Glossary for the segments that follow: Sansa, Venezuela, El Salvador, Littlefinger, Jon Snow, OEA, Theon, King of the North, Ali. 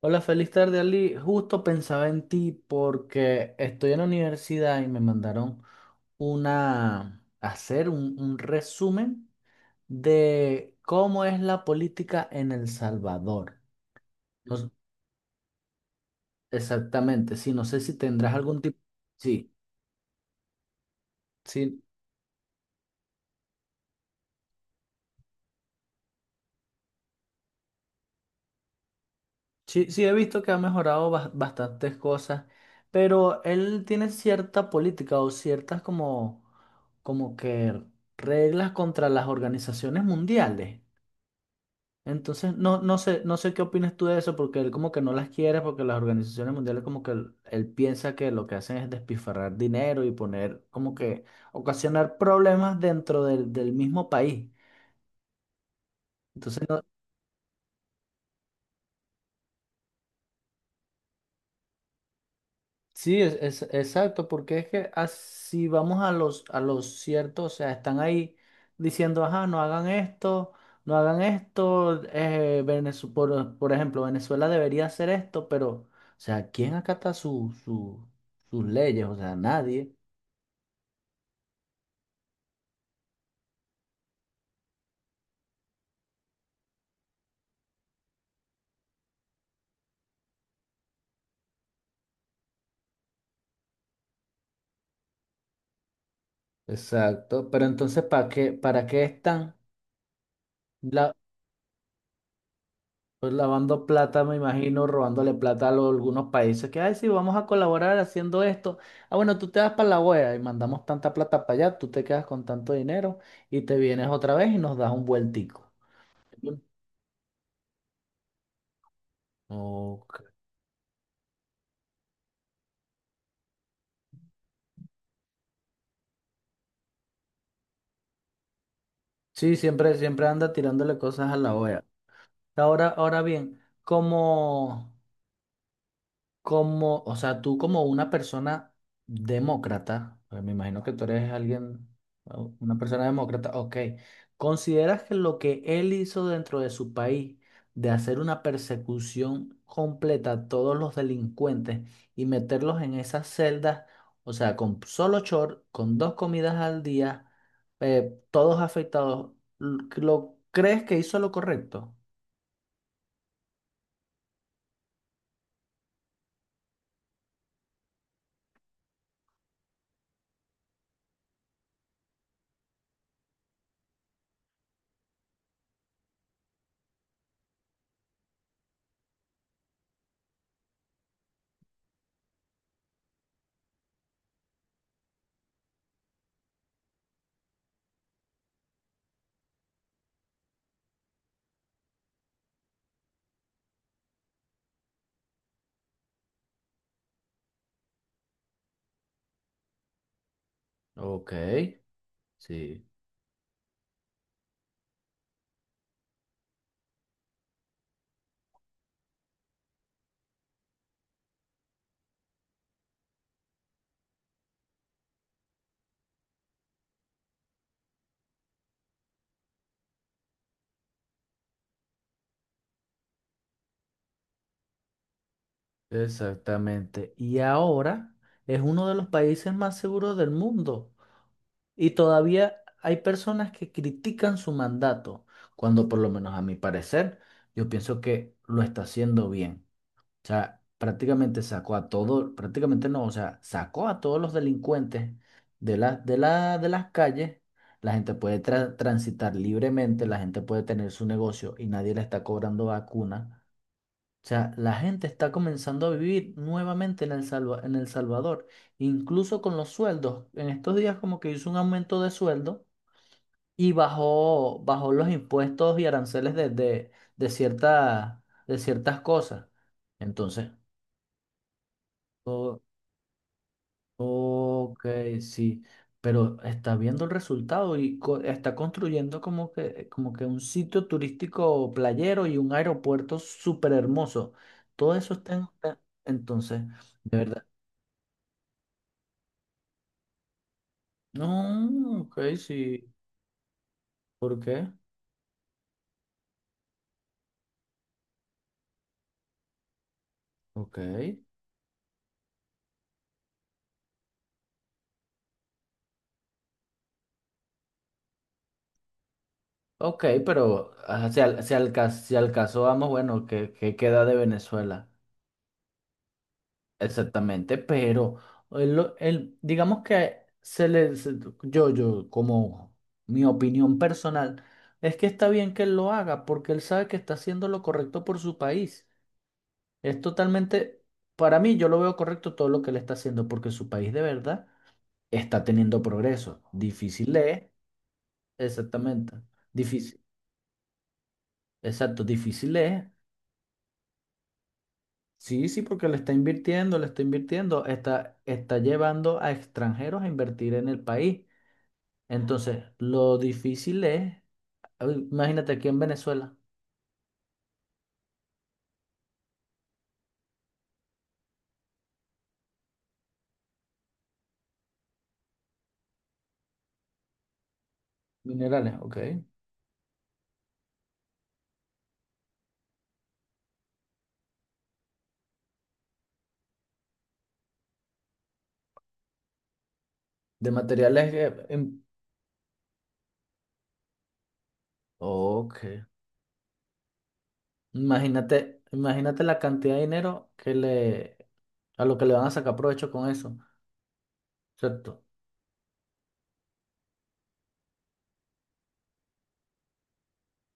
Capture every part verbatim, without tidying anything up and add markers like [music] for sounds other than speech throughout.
Hola, feliz tarde, Ali. Justo pensaba en ti porque estoy en la universidad y me mandaron una, hacer un, un resumen de cómo es la política en El Salvador. No s- Exactamente, sí, no sé si tendrás algún tipo. Sí, sí, sí, sí he visto que ha mejorado bas- bastantes cosas, pero él tiene cierta política o ciertas como, como que reglas contra las organizaciones mundiales. Entonces, no, no sé, no sé qué opinas tú de eso, porque él como que no las quiere, porque las organizaciones mundiales como que él, él piensa que lo que hacen es despilfarrar dinero y poner como que ocasionar problemas dentro del, del mismo país. Entonces, no, sí, es, es- exacto, porque es que así vamos a los, a los ciertos, o sea, están ahí diciendo, ajá, no hagan esto, no hagan esto, eh, Venezu- por, por ejemplo, Venezuela debería hacer esto, pero, o sea, ¿quién acata su, su- sus leyes? O sea, nadie. Exacto, pero entonces, ¿para qué, para qué están? Pues lavando plata, me imagino, robándole plata a lo- algunos países que, ay, sí, vamos a colaborar haciendo esto. Ah, bueno, tú te vas para la O E A y mandamos tanta plata para allá, tú te quedas con tanto dinero y te vienes otra vez y nos das un vueltico. Ok. Sí, siempre, siempre anda tirándole cosas a la O E A. Ahora, ahora bien, como... Como, o sea, tú como una persona demócrata, porque me imagino que tú eres alguien, o- una persona demócrata, ok, ¿consideras que lo que él hizo dentro de su país, de hacer una persecución completa a todos los delincuentes y meterlos en esas celdas, o sea, con solo short, con dos comidas al día, eh, todos afectados, ¿lo crees que hizo lo correcto? Ok, sí. Exactamente. Y ahora es uno de los países más seguros del mundo. Y todavía hay personas que critican su mandato, cuando por lo menos a mi parecer, yo pienso que lo está haciendo bien. O sea, prácticamente sacó a todos, prácticamente no, o sea, sacó a todos los delincuentes de la, de la, de las calles. La gente puede tra- transitar libremente, la gente puede tener su negocio y nadie le está cobrando vacuna. O sea, la gente está comenzando a vivir nuevamente en El Salva- en El Salvador, incluso con los sueldos. En estos días como que hizo un aumento de sueldo y bajó, bajó los impuestos y aranceles de, de, de cierta- de ciertas cosas. Entonces, ok, sí, pero está viendo el resultado y co- está construyendo como que, como que un sitio turístico playero y un aeropuerto súper hermoso. Todo eso está en... está- Entonces, de verdad. No, ok, sí. ¿Por qué? Ok. Ok, pero ah, si al, si al cas- si al caso vamos, bueno, ¿qué, qué queda de Venezuela? Exactamente, pero el, el- digamos que se le, se- yo, yo, como mi opinión personal, es que está bien que él lo haga porque él sabe que está haciendo lo correcto por su país. Es totalmente, para mí, yo lo veo correcto todo lo que él está haciendo porque su país de verdad está teniendo progreso. Difícil es, exactamente, difícil, exacto, difícil es. Sí, sí, porque le está invirtiendo, le está invirtiendo, está, está llevando a extranjeros a invertir en el país. Entonces, lo difícil es, a ver, imagínate aquí en Venezuela, minerales, ok. De materiales que, em, ok. Imagínate, imagínate la cantidad de dinero que le, a lo que le van a sacar provecho con eso, ¿cierto?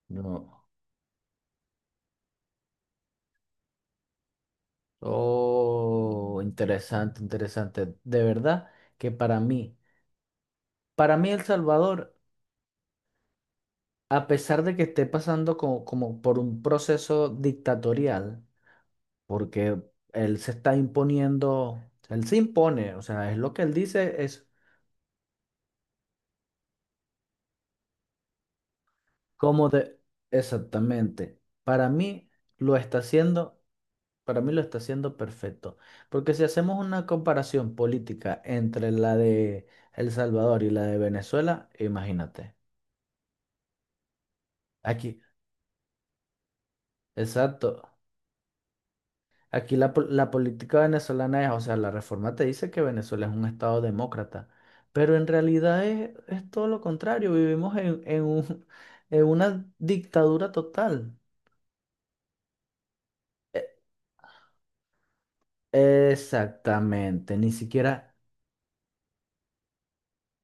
No. Oh, interesante, interesante. De verdad que para mí, para mí El Salvador, a pesar de que esté pasando como, como por un proceso dictatorial, porque él se está imponiendo, él se impone, o sea, es lo que él dice, es como de, exactamente, para mí lo está haciendo, para mí lo está haciendo perfecto, porque si hacemos una comparación política entre la de El Salvador y la de Venezuela, imagínate, aquí, exacto. Aquí la, pol- la política venezolana es, o sea, la reforma te dice que Venezuela es un estado demócrata, pero en realidad es, es todo lo contrario, vivimos en, en un- [laughs] en una dictadura total. E- Exactamente, ni siquiera,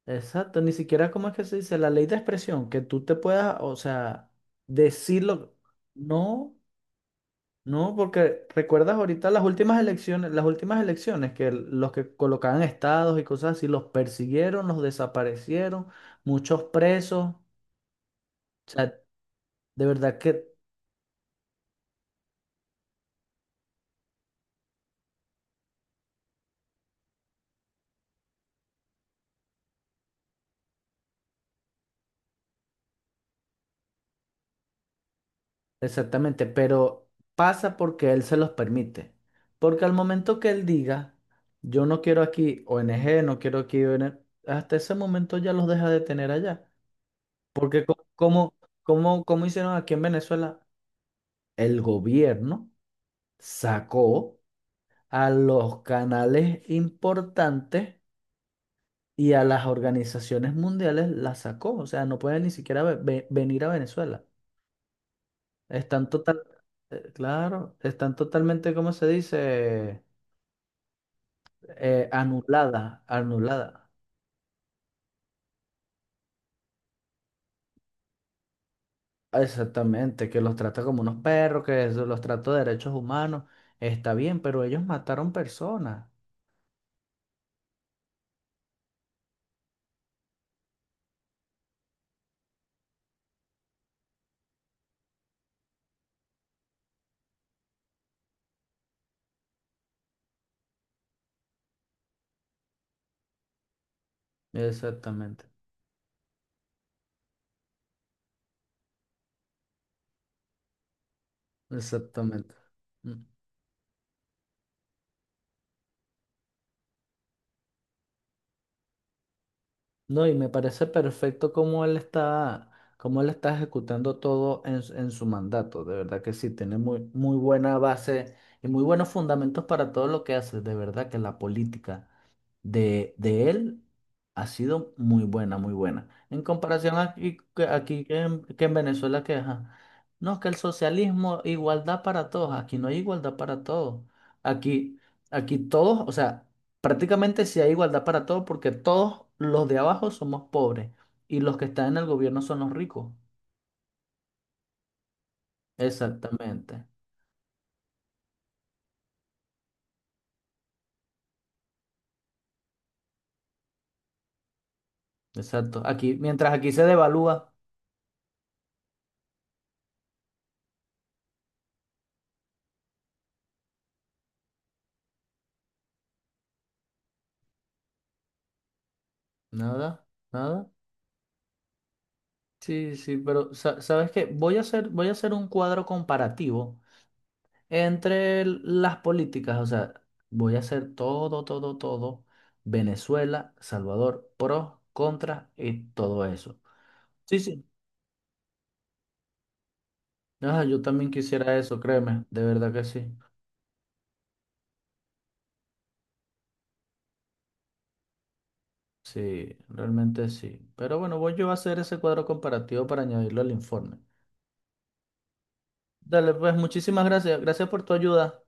exacto, ni siquiera, ¿cómo es que se dice? La ley de expresión, que tú te puedas, o sea, decirlo, no. No, porque recuerdas ahorita las últimas elecciones, las últimas elecciones que el- los que colocaban estados y cosas así, los persiguieron, los desaparecieron, muchos presos. O sea, de verdad que exactamente, pero pasa porque él se los permite. Porque al momento que él diga, yo no quiero aquí o n g no quiero aquí O N G, hasta ese momento ya los deja de tener allá. Porque co- como, como, como hicieron aquí en Venezuela, el gobierno sacó a los canales importantes y a las organizaciones mundiales las sacó. O sea, no pueden ni siquiera ve- ve- venir a Venezuela. Están total, eh, claro, están totalmente, ¿cómo se dice? Eh, anulada, anulada. Exactamente, que los trata como unos perros, que eso, los trata de derechos humanos. Está bien, pero ellos mataron personas. Exactamente, exactamente. Mm. No, y me parece perfecto cómo él está, cómo él está ejecutando todo en, su en su mandato. De verdad que sí, tiene muy, muy buena base y muy buenos fundamentos para todo lo que hace. De verdad que la política de, de él ha sido muy buena, muy buena. En comparación aquí, que- aquí que en, que en Venezuela, que ajá, no, que el socialismo, igualdad para todos. Aquí no hay igualdad para todos. Aquí, aquí todos, o sea, prácticamente sí hay igualdad para todos porque todos los de abajo somos pobres y los que están en el gobierno son los ricos. Exactamente, exacto. Aquí, mientras aquí se devalúa, nada, nada. Sí, sí, pero sa- ¿sabes qué? Voy a hacer, voy a hacer un cuadro comparativo entre el- las políticas, o sea, voy a hacer todo, todo, todo, Venezuela, Salvador, pros, contras y todo eso. Sí, sí. Ah, yo también quisiera eso, créeme, de verdad que sí. Sí, realmente sí. Pero bueno, voy yo a hacer ese cuadro comparativo para añadirlo al informe. Dale, pues muchísimas gracias. Gracias por tu ayuda.